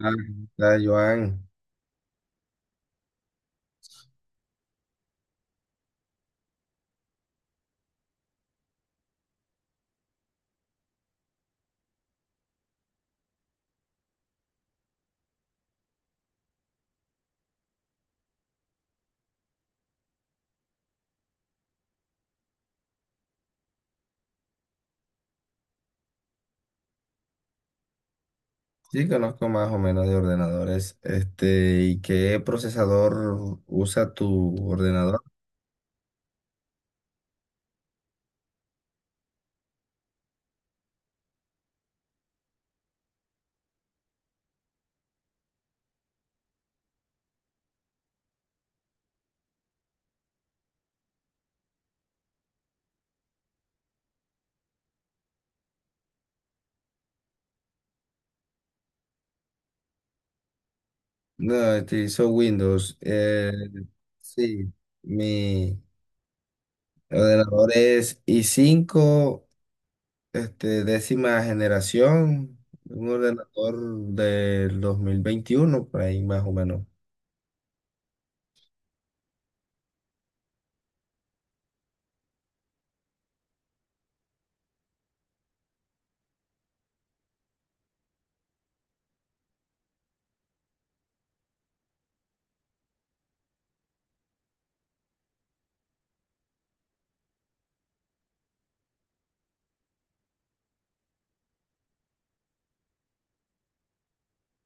Ah, la Joan, sí conozco más o menos de ordenadores. Este, ¿y qué procesador usa tu ordenador? No, utilizo Windows. Sí, mi ordenador es i cinco, este, décima generación, un ordenador del 2021, por ahí más o menos.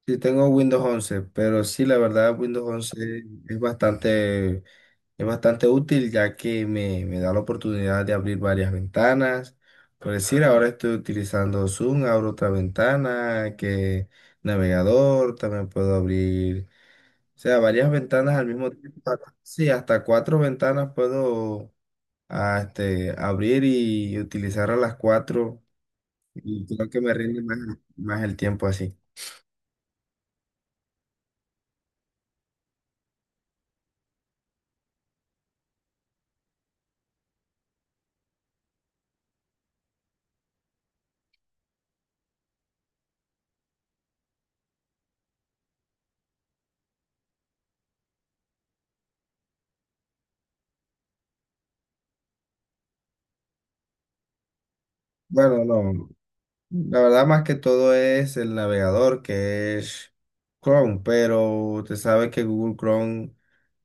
Sí, tengo Windows once pero sí, la verdad, Windows once es bastante útil ya que me da la oportunidad de abrir varias ventanas. Por decir, ahora estoy utilizando Zoom, abro otra ventana, que navegador, también puedo abrir, o sea, varias ventanas al mismo tiempo. Sí, hasta cuatro ventanas puedo este, abrir y utilizar a las cuatro, y creo que me rinde más el tiempo así. Bueno, no. La verdad, más que todo es el navegador que es Chrome, pero usted sabe que Google Chrome,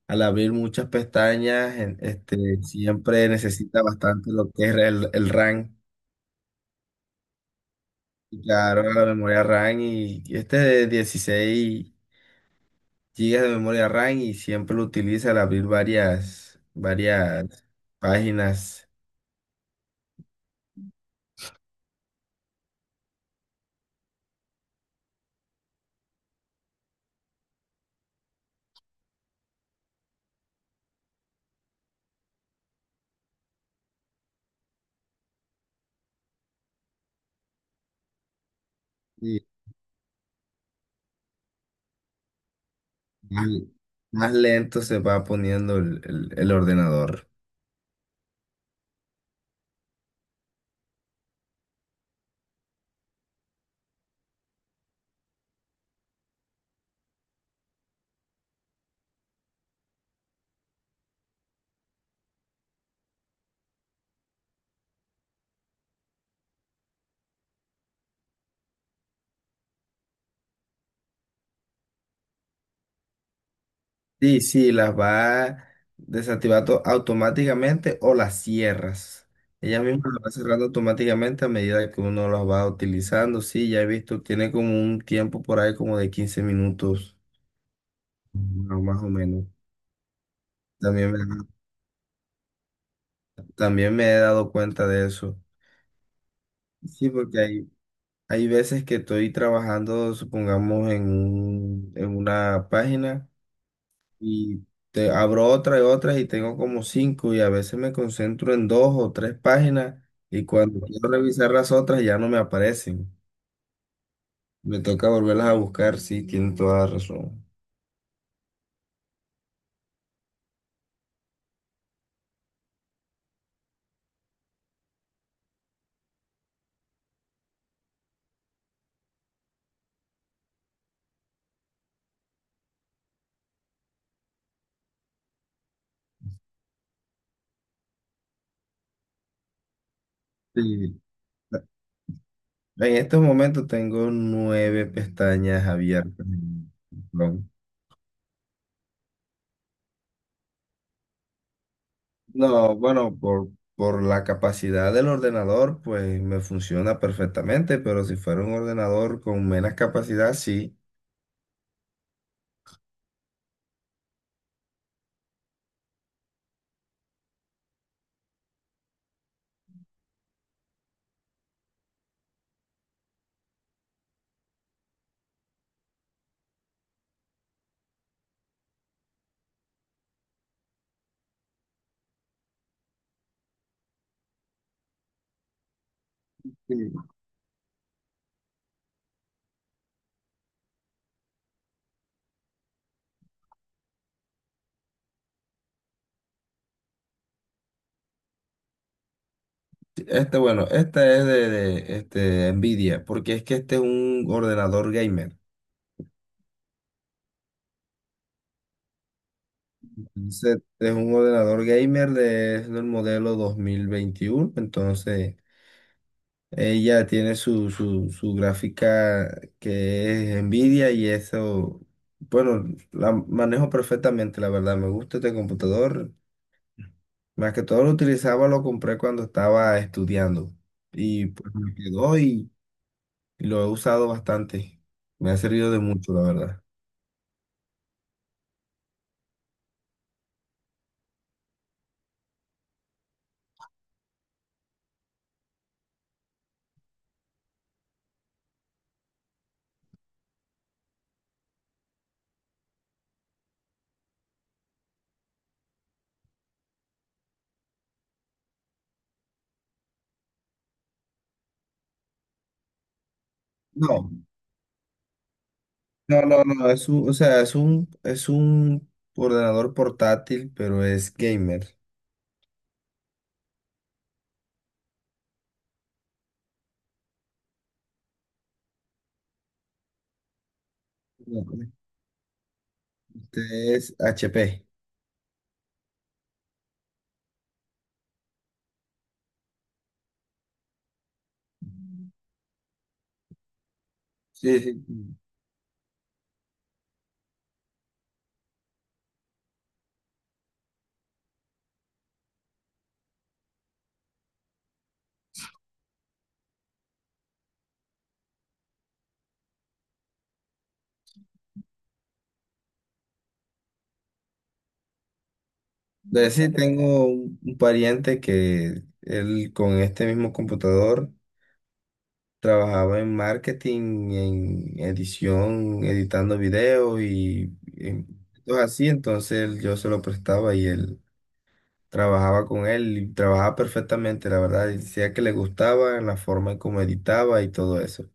al abrir muchas pestañas, este, siempre necesita bastante lo que es el RAM. Y claro, la memoria RAM y este de 16 gigas de memoria RAM y siempre lo utiliza al abrir varias páginas y más, más lento se va poniendo el ordenador. Sí, sí, las va desactivando automáticamente o las cierras. Ella misma las va cerrando automáticamente a medida que uno las va utilizando. Sí, ya he visto, tiene como un tiempo por ahí como de 15 minutos, no, más o menos. También me, también me he dado cuenta de eso. Sí, porque hay veces que estoy trabajando, supongamos, en una página, y te abro otra y otra y tengo como cinco y a veces me concentro en dos o tres páginas y cuando quiero revisar las otras ya no me aparecen. Me toca volverlas a buscar, sí, tiene toda la razón. Sí. En estos momentos tengo nueve pestañas abiertas en Chrome. No, bueno, por la capacidad del ordenador, pues me funciona perfectamente, pero si fuera un ordenador con menos capacidad, sí. Sí. Este, bueno, esta es este, Nvidia, porque es que este es un ordenador gamer. Entonces, es un ordenador gamer de, es del modelo 2021, entonces ella tiene su gráfica que es Nvidia y eso, bueno, la manejo perfectamente, la verdad, me gusta este computador. Más que todo lo utilizaba, lo compré cuando estaba estudiando y pues me quedó y... Lo he usado bastante. Me ha servido de mucho, la verdad. No, no. Es un, o sea, es un ordenador portátil, pero es gamer. No, este es HP. Sí, sí. De sí tengo un pariente que él con este mismo computador trabajaba en marketing, en edición, editando videos y cosas así. Entonces yo se lo prestaba y él trabajaba con él y trabajaba perfectamente, la verdad, y decía que le gustaba la forma en cómo editaba y todo eso.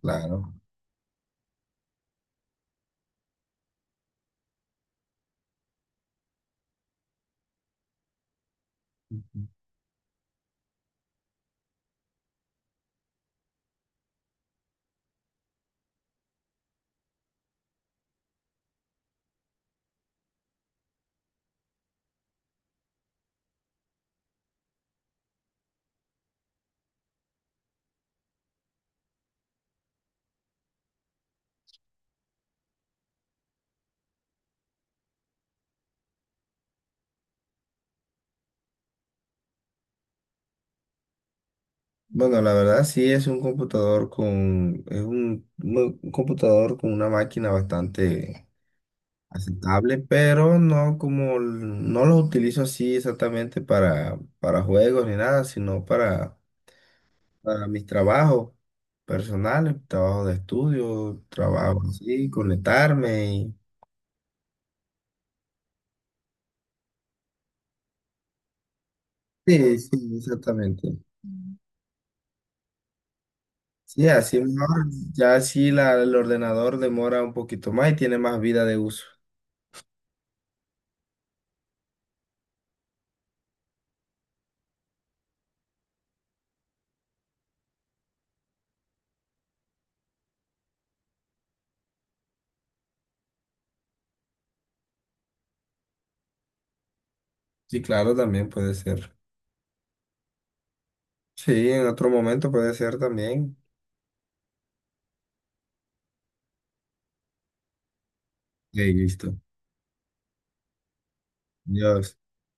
Claro. Ujú. Bueno, la verdad sí es un computador con, es un, no, un computador con una máquina bastante aceptable, pero no como, no lo utilizo así exactamente para juegos ni nada, sino para mis trabajos personales, trabajo de estudio, trabajo así, conectarme y... Sí, sí, exactamente. Sí, así mejor. Ya así el ordenador demora un poquito más y tiene más vida de uso. Sí, claro, también puede ser. Sí, en otro momento puede ser también. Ok, listo. Dios.